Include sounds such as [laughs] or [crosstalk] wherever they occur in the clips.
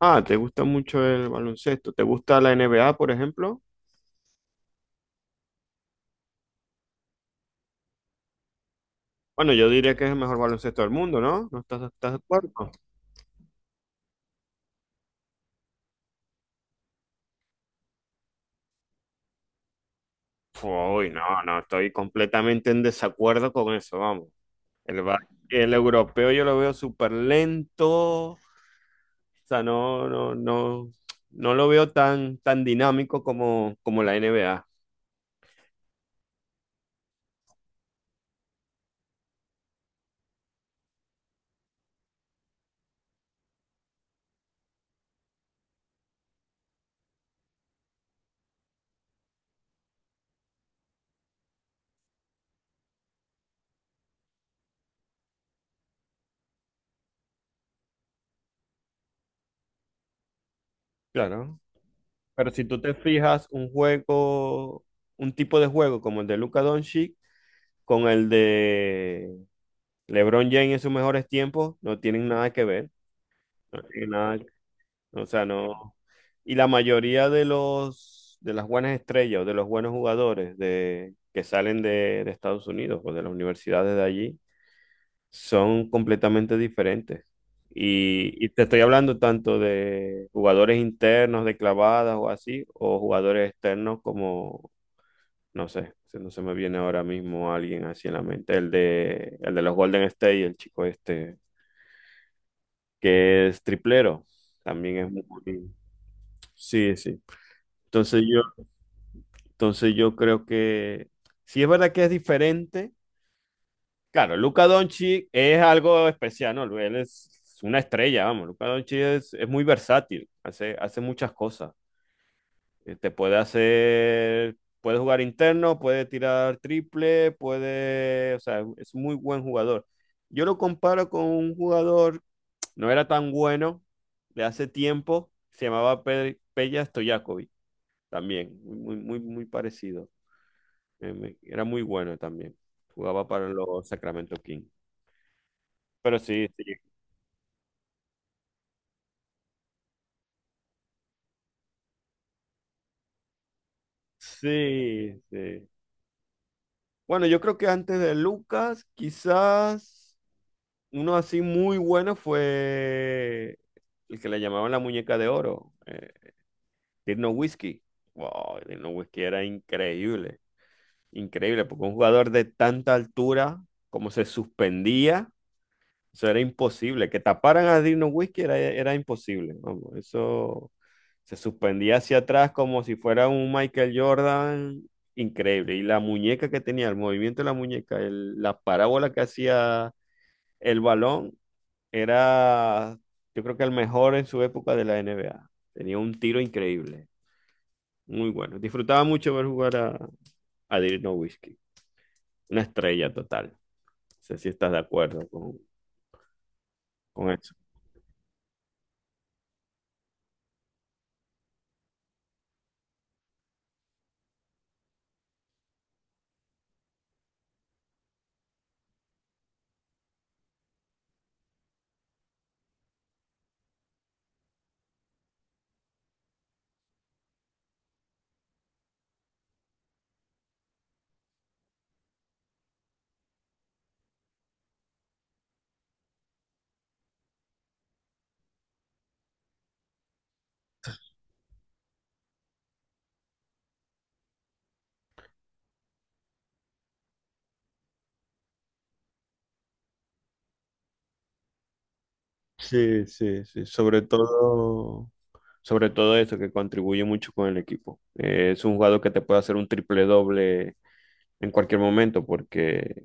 Ah, ¿te gusta mucho el baloncesto? ¿Te gusta la NBA, por ejemplo? Bueno, yo diría que es el mejor baloncesto del mundo, ¿no? ¿No estás de acuerdo? Uy, no, no, estoy completamente en desacuerdo con eso, vamos. El, ba- el europeo yo lo veo súper lento, o sea, no lo veo tan, tan dinámico como, como la NBA. Claro. Pero si tú te fijas un juego, un tipo de juego como el de Luka Doncic, con el de LeBron James en sus mejores tiempos no tienen nada que ver, no tienen nada, o sea, no. Y la mayoría de los de las buenas estrellas o de los buenos jugadores que salen de Estados Unidos o de las universidades de allí son completamente diferentes. Y te estoy hablando tanto de jugadores internos de clavadas o así, o jugadores externos como, no sé, no se me viene ahora mismo alguien así en la mente, el de los Golden State, el chico este, que es triplero. También es muy... Sí, sí. Entonces yo, entonces yo creo que sí es verdad que es diferente. Claro, Luka Doncic es algo especial, ¿no? Él es una estrella, vamos. Luka Doncic es muy versátil, hace muchas cosas. Puede jugar interno, puede tirar triple, puede, o sea, es muy buen jugador. Yo lo comparo con un jugador. No era tan bueno, de hace tiempo. Se llamaba Peja Stojakovic también. Muy, muy, muy parecido. Era muy bueno también. Jugaba para los Sacramento Kings. Pero sí, sí. Sí, sí. Bueno, yo creo que antes de Lucas, quizás uno así muy bueno fue el que le llamaban la muñeca de oro, Dirk Nowitzki. Wow, Dirk Nowitzki era increíble. Increíble, porque un jugador de tanta altura, como se suspendía, eso era imposible. Que taparan a Dirk Nowitzki era imposible. Vamos, eso se suspendía hacia atrás como si fuera un Michael Jordan. Increíble. Y la muñeca que tenía, el movimiento de la muñeca, la parábola que hacía el balón, era, yo creo que el mejor en su época de la NBA. Tenía un tiro increíble. Muy bueno. Disfrutaba mucho ver jugar a Dirk Nowitzki. Una estrella total. Sé si estás de acuerdo con eso. Sí, sí, sí. Sobre todo eso, que contribuye mucho con el equipo. Es un jugador que te puede hacer un triple doble en cualquier momento, porque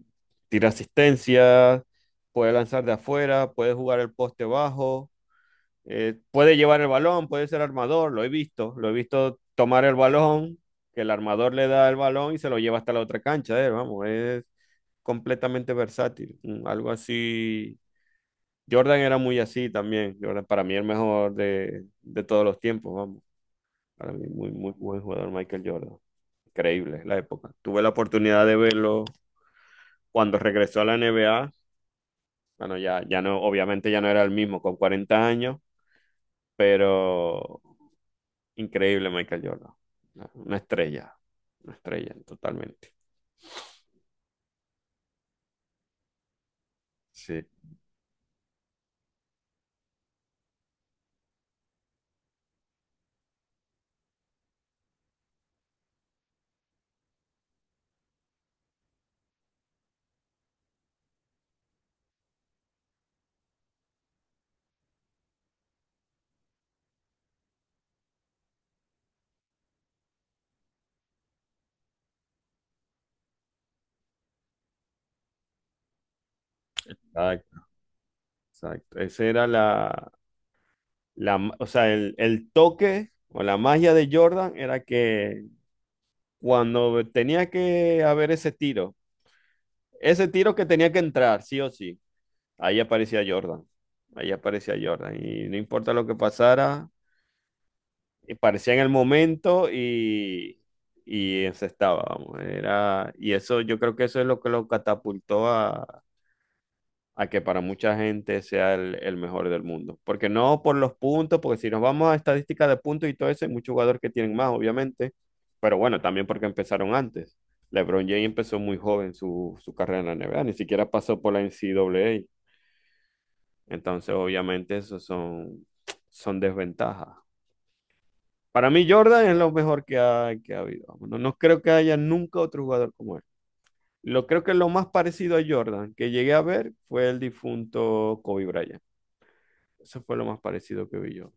tira asistencia, puede lanzar de afuera, puede jugar el poste bajo, puede llevar el balón, puede ser armador, lo he visto tomar el balón, que el armador le da el balón y se lo lleva hasta la otra cancha, vamos, es completamente versátil. Mm, algo así. Jordan era muy así también. Jordan, para mí el mejor de todos los tiempos, vamos. Para mí, muy, muy buen jugador Michael Jordan. Increíble la época. Tuve la oportunidad de verlo cuando regresó a la NBA. Bueno, ya, ya no, obviamente ya no era el mismo con 40 años, pero increíble Michael Jordan. Una estrella, una estrella totalmente. Sí, exacto, exacto. Ese era o sea, el toque o la magia de Jordan era que cuando tenía que haber ese tiro que tenía que entrar, sí o sí, ahí aparecía Jordan, ahí aparecía Jordan, y no importa lo que pasara, y parecía en el momento y se estaba, vamos, era, y eso, yo creo que eso es lo que lo catapultó a que para mucha gente sea el mejor del mundo. Porque no por los puntos, porque si nos vamos a estadísticas de puntos y todo eso, hay muchos jugadores que tienen más, obviamente, pero bueno, también porque empezaron antes. LeBron James empezó muy joven su carrera en la NBA, ni siquiera pasó por la NCAA. Entonces, obviamente, eso son, son desventajas. Para mí, Jordan es lo mejor que ha habido. No, no creo que haya nunca otro jugador como él. Lo creo que lo más parecido a Jordan que llegué a ver fue el difunto Kobe Bryant. Eso fue lo más parecido que vi yo.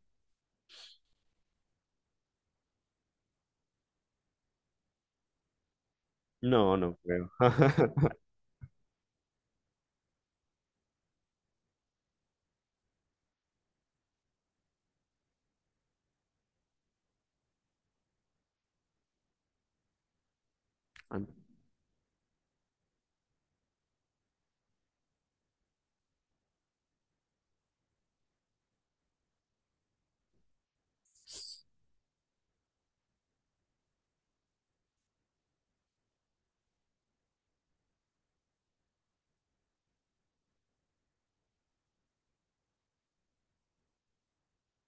No, no creo. [laughs]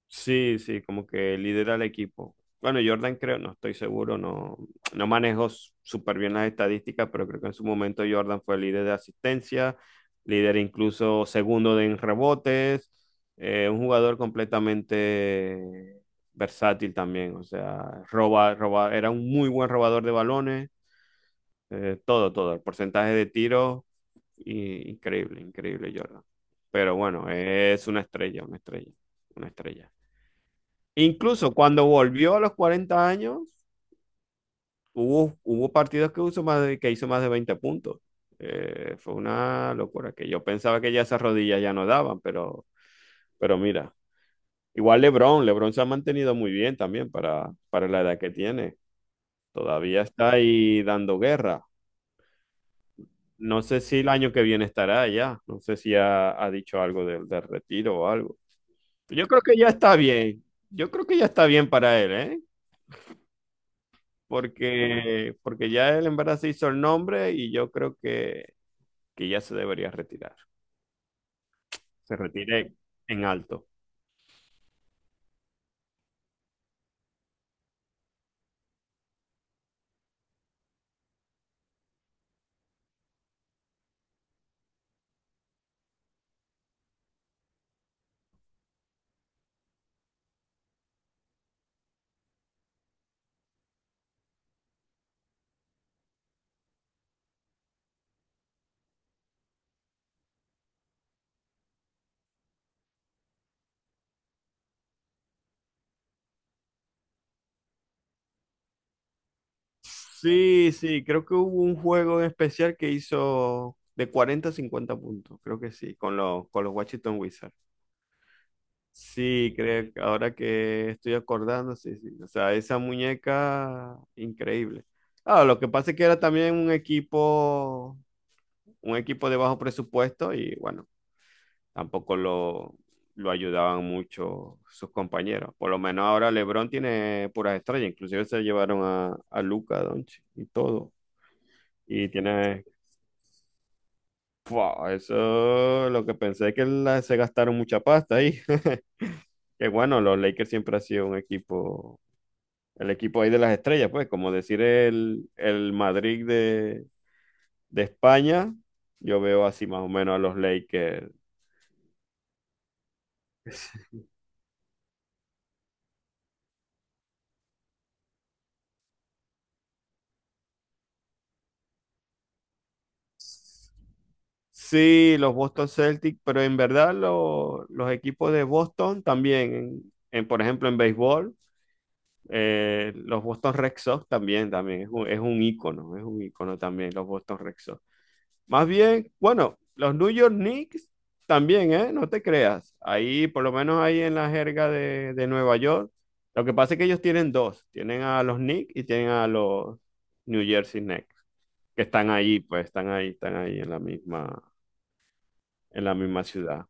Sí, sí, como que lidera el equipo. Bueno, Jordan creo, no estoy seguro, no, no manejo súper bien las estadísticas, pero creo que en su momento Jordan fue líder de asistencia, líder incluso segundo en rebotes, un jugador completamente versátil también, o sea, roba, era un muy buen robador de balones. Todo, todo. El porcentaje de tiros, increíble, increíble, Jordan. Pero bueno, es una estrella, una estrella, una estrella. Incluso cuando volvió a los 40 años, hubo, hubo partidos que hizo más de 20 puntos. Fue una locura que yo pensaba que ya esas rodillas ya no daban, pero mira. Igual LeBron, LeBron se ha mantenido muy bien también para la edad que tiene. Todavía está ahí dando guerra. No sé si el año que viene estará allá. No sé si ha dicho algo del retiro o algo. Yo creo que ya está bien. Yo creo que ya está bien para él, ¿eh? Porque, porque ya él en verdad se hizo el nombre y yo creo que ya se debería retirar. Se retire en alto. Sí, sí, creo que hubo un juego en especial que hizo de 40 a 50 puntos. Creo que sí, con los Washington Wizards. Sí, creo que ahora que estoy acordando, sí, sí. O sea, esa muñeca, increíble. Ah, lo que pasa es que era también un equipo de bajo presupuesto y bueno, tampoco lo ayudaban mucho sus compañeros. Por lo menos ahora LeBron tiene puras estrellas, inclusive se llevaron a Luka Doncic y todo. Y tiene, ¡fua!, eso lo que pensé es que se gastaron mucha pasta ahí. [laughs] Que bueno, los Lakers siempre ha sido un equipo, el equipo ahí de las estrellas, pues, como decir el Madrid de España, yo veo así más o menos a los Lakers. [laughs] Sí, los Boston Celtics, pero en verdad los equipos de Boston también, por ejemplo en béisbol, los Boston Red Sox también, también es un ícono también los Boston Red Sox. Más bien, bueno, los New York Knicks también, ¿eh? No te creas. Ahí, por lo menos ahí en la jerga de Nueva York, lo que pasa es que ellos tienen dos. Tienen a los Knicks y tienen a los New Jersey Knicks, que están ahí, pues están ahí en la misma ciudad.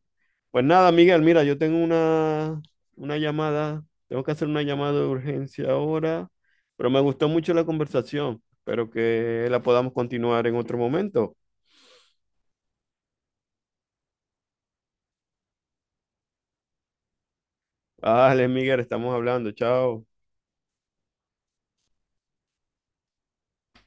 Pues nada, Miguel, mira, yo tengo una llamada, tengo que hacer una llamada de urgencia ahora, pero me gustó mucho la conversación. Espero que la podamos continuar en otro momento. Vale, Miguel, estamos hablando. Chao.